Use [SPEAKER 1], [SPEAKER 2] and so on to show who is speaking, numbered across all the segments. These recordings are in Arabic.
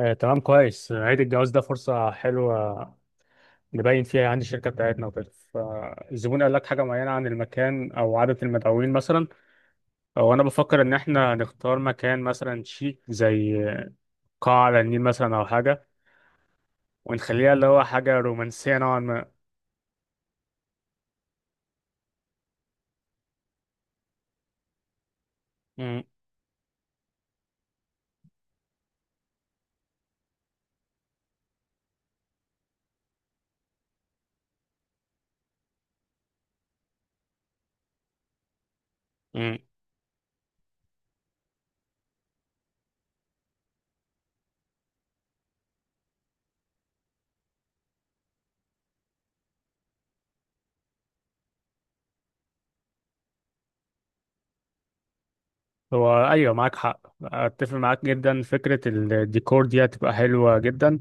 [SPEAKER 1] آه، تمام، كويس. عيد الجواز ده فرصة حلوة نبين فيها عندي الشركة بتاعتنا وكده. فالزبون قال لك حاجة معينة عن المكان أو عدد المدعوين مثلا؟ أو أنا بفكر إن إحنا نختار مكان مثلا شيك زي قاعة على النيل مثلا أو حاجة، ونخليها اللي هو حاجة رومانسية نوعا ما. مم، مم. هو أيوة، معاك حق، أتفق معاك جدا، فكرة الديكور دي هتبقى حلوة جدا.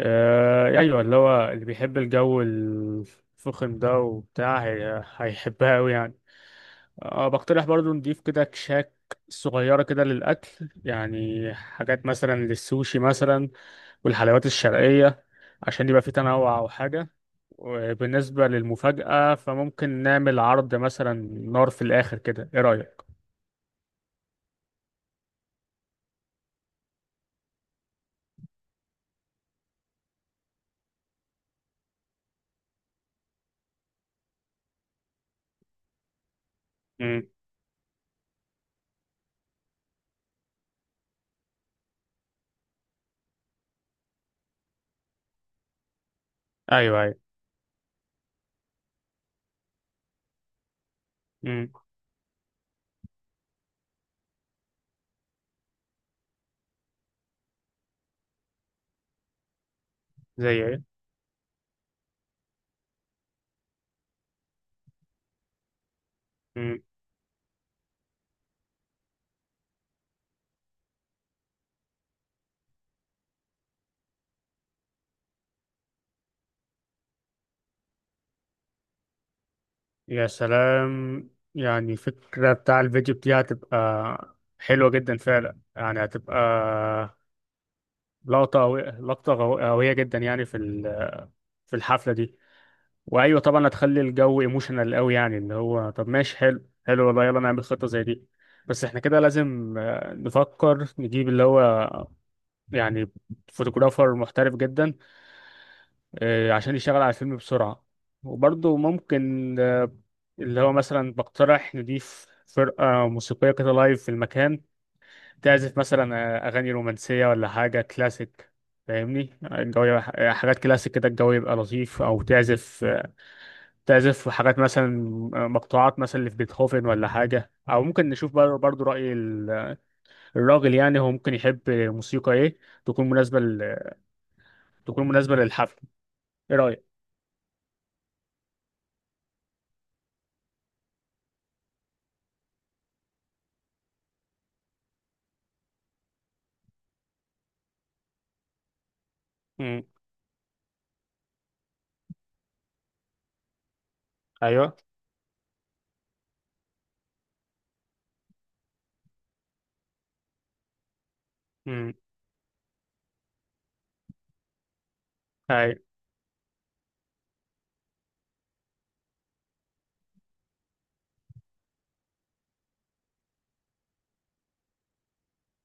[SPEAKER 1] آه، أيوة، اللي هو اللي بيحب الجو الفخم ده وبتاع هيحبها أوي يعني. بقترح برضو نضيف كده كشاك صغيرة كده للأكل، يعني حاجات مثلا للسوشي مثلا والحلويات الشرقية، عشان يبقى في تنوع أو حاجة. وبالنسبة للمفاجأة فممكن نعمل عرض مثلا نار في الآخر كده، إيه رأيك؟ مم. أيوه أيوه. مم. زي إيه؟ مم. يا سلام، يعني فكرة بتاع الفيديو دي هتبقى حلوة جدا فعلا، يعني هتبقى لقطة قوية، لقطة قوية جدا يعني في الحفلة دي. وايوه طبعا هتخلي الجو ايموشنال قوي، يعني اللي هو طب ماشي، حلو حلو والله، يلا نعمل خطه زي دي. بس احنا كده لازم نفكر نجيب اللي هو يعني فوتوغرافر محترف جدا، عشان يشتغل على الفيلم بسرعه. وبرضه ممكن اللي هو مثلا بقترح نضيف فرقه موسيقيه كده لايف في المكان، تعزف مثلا اغاني رومانسيه ولا حاجه كلاسيك. فاهمني الجو حاجات كلاسيك كده الجو يبقى لطيف، او تعزف، حاجات مثلا، مقطوعات مثلا اللي في بيتهوفن ولا حاجة. أو ممكن نشوف برضو رأي الراجل، يعني هو ممكن يحب موسيقى إيه تكون مناسبة تكون مناسبة للحفل. إيه رأيك؟ مم. أيوه. مم. أي.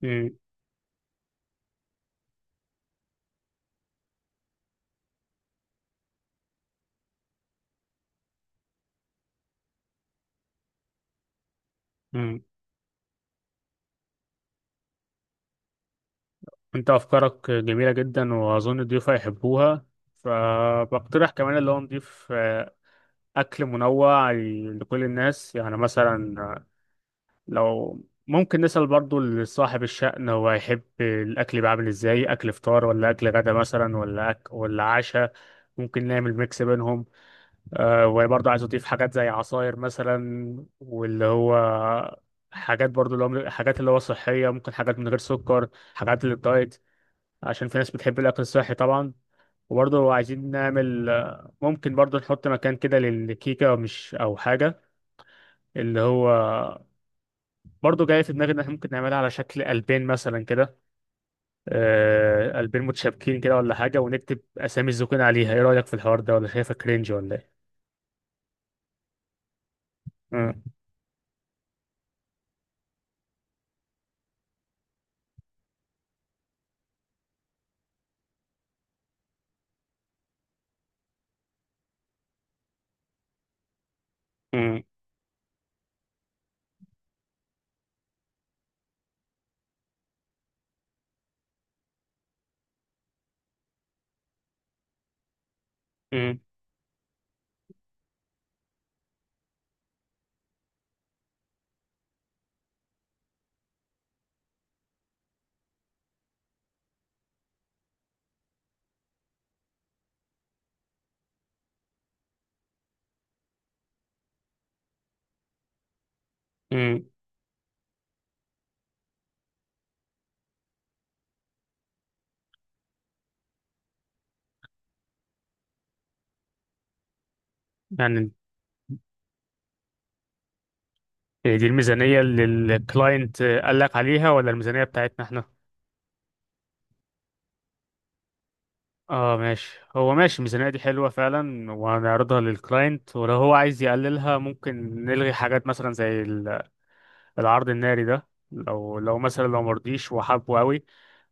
[SPEAKER 1] مم. مم. أنت أفكارك جميلة جدا وأظن الضيوف هيحبوها، فبقترح كمان اللي هو نضيف أكل منوع لكل الناس، يعني مثلا لو ممكن نسأل برضو لصاحب الشأن هو هيحب الأكل يبقى عامل إزاي، أكل فطار ولا أكل غدا مثلا ولا عشاء. ممكن نعمل ميكس بينهم. وبرضو عايز أضيف حاجات زي عصاير مثلا، واللي هو حاجات برضو اللي هو حاجات اللي هو صحية، ممكن حاجات من غير سكر، حاجات للدايت، عشان في ناس بتحب الأكل الصحي طبعا. وبرضه عايزين نعمل ممكن برضه نحط مكان كده للكيكة مش أو حاجة. اللي هو برضه جاي في دماغي ان احنا ممكن نعملها على شكل قلبين مثلا كده، قلبين متشابكين كده ولا حاجه، ونكتب اسامي الزوجين عليها. ايه رايك في الحوار ده، ولا شايفه كرينج ولا ايه؟ مم، مم، مم، مم. يعني دي الميزانيه اللي الكلاينت قال لك عليها ولا الميزانيه بتاعتنا احنا؟ اه ماشي، هو ماشي الميزانيه دي حلوه فعلا وهنعرضها للكلاينت. ولو هو عايز يقللها ممكن نلغي حاجات مثلا زي العرض الناري ده، لو مثلا لو مرضيش وحابه قوي،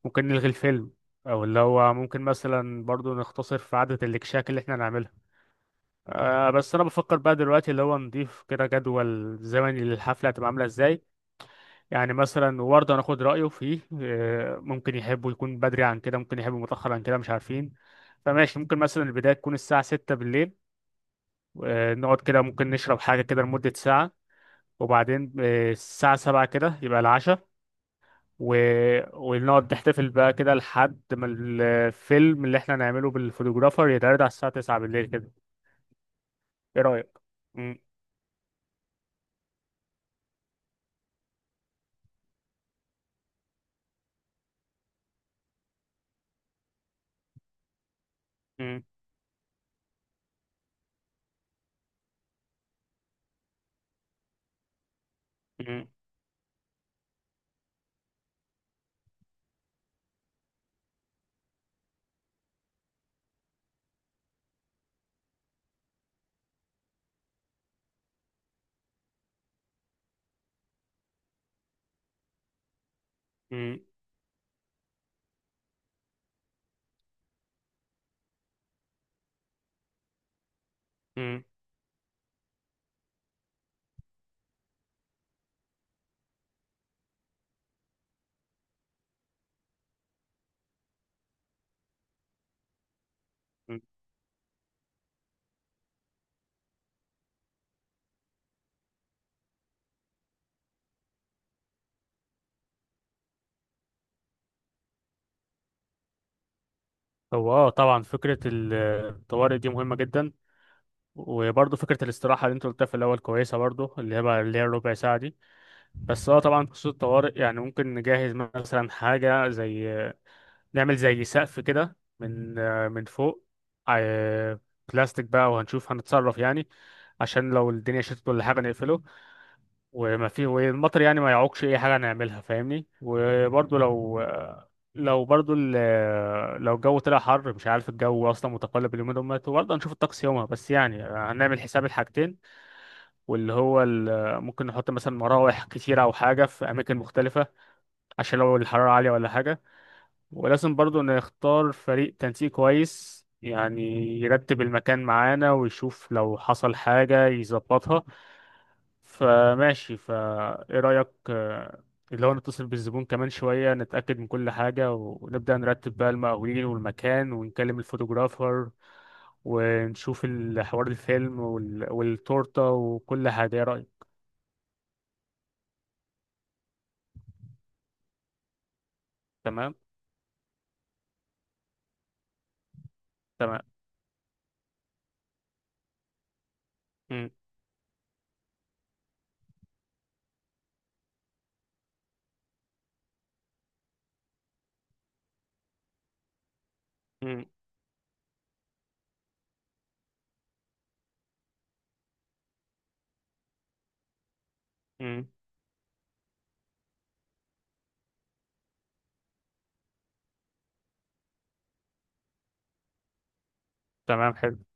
[SPEAKER 1] ممكن نلغي الفيلم، او اللي هو ممكن مثلا برضو نختصر في عدد الاكشاك اللي احنا نعملها. بس انا بفكر بقى دلوقتي اللي هو نضيف كده جدول زمني للحفله هتبقى عامله ازاي، يعني مثلا وبرضه هناخد رايه فيه. ممكن يحبوا يكون بدري عن كده، ممكن يحبوا متاخر عن كده، مش عارفين. فماشي، ممكن مثلا البدايه تكون الساعه 6 بالليل، نقعد كده ممكن نشرب حاجه كده لمده ساعه، وبعدين الساعه 7 كده يبقى العشاء، و... ونقعد نحتفل بقى كده لحد ما الفيلم اللي احنا نعمله بالفوتوغرافر يتعرض على الساعة 9 بالليل كده. ايه رأيك؟ م- م- م- م- م- م. هو طبعا فكرة الطوارئ دي مهمة جدا، وبرضه فكرة الاستراحة اللي انت قلتها في الأول كويسة برضه، اللي هي بقى اللي هي الربع ساعة دي. بس طبعا خصوص الطوارئ يعني ممكن نجهز مثلا حاجة زي نعمل زي سقف كده من فوق، آه، بلاستيك بقى، وهنشوف هنتصرف يعني، عشان لو الدنيا شتت ولا حاجة نقفله، وما في والمطر يعني ما يعوقش أي حاجة نعملها فاهمني. وبرضه لو برضه لو الجو طلع حر، مش عارف الجو أصلا متقلب اليومين دول، وبرضه هنشوف الطقس يومها، بس يعني هنعمل حساب الحاجتين. واللي هو ممكن نحط مثلا مراوح كتيرة أو حاجة في أماكن مختلفة، عشان لو الحرارة عالية ولا حاجة. ولازم برضه نختار فريق تنسيق كويس يعني، يرتب المكان معانا ويشوف لو حصل حاجة يظبطها. فماشي ايه رأيك اللي هو نتصل بالزبون كمان شوية، نتأكد من كل حاجة، ونبدأ نرتب بقى المقاولين والمكان، ونكلم الفوتوغرافر ونشوف الحوار الفيلم والتورتة وكل حاجة. ايه رأيك؟ تمام. تمام. م- م- م. تمام، حلو.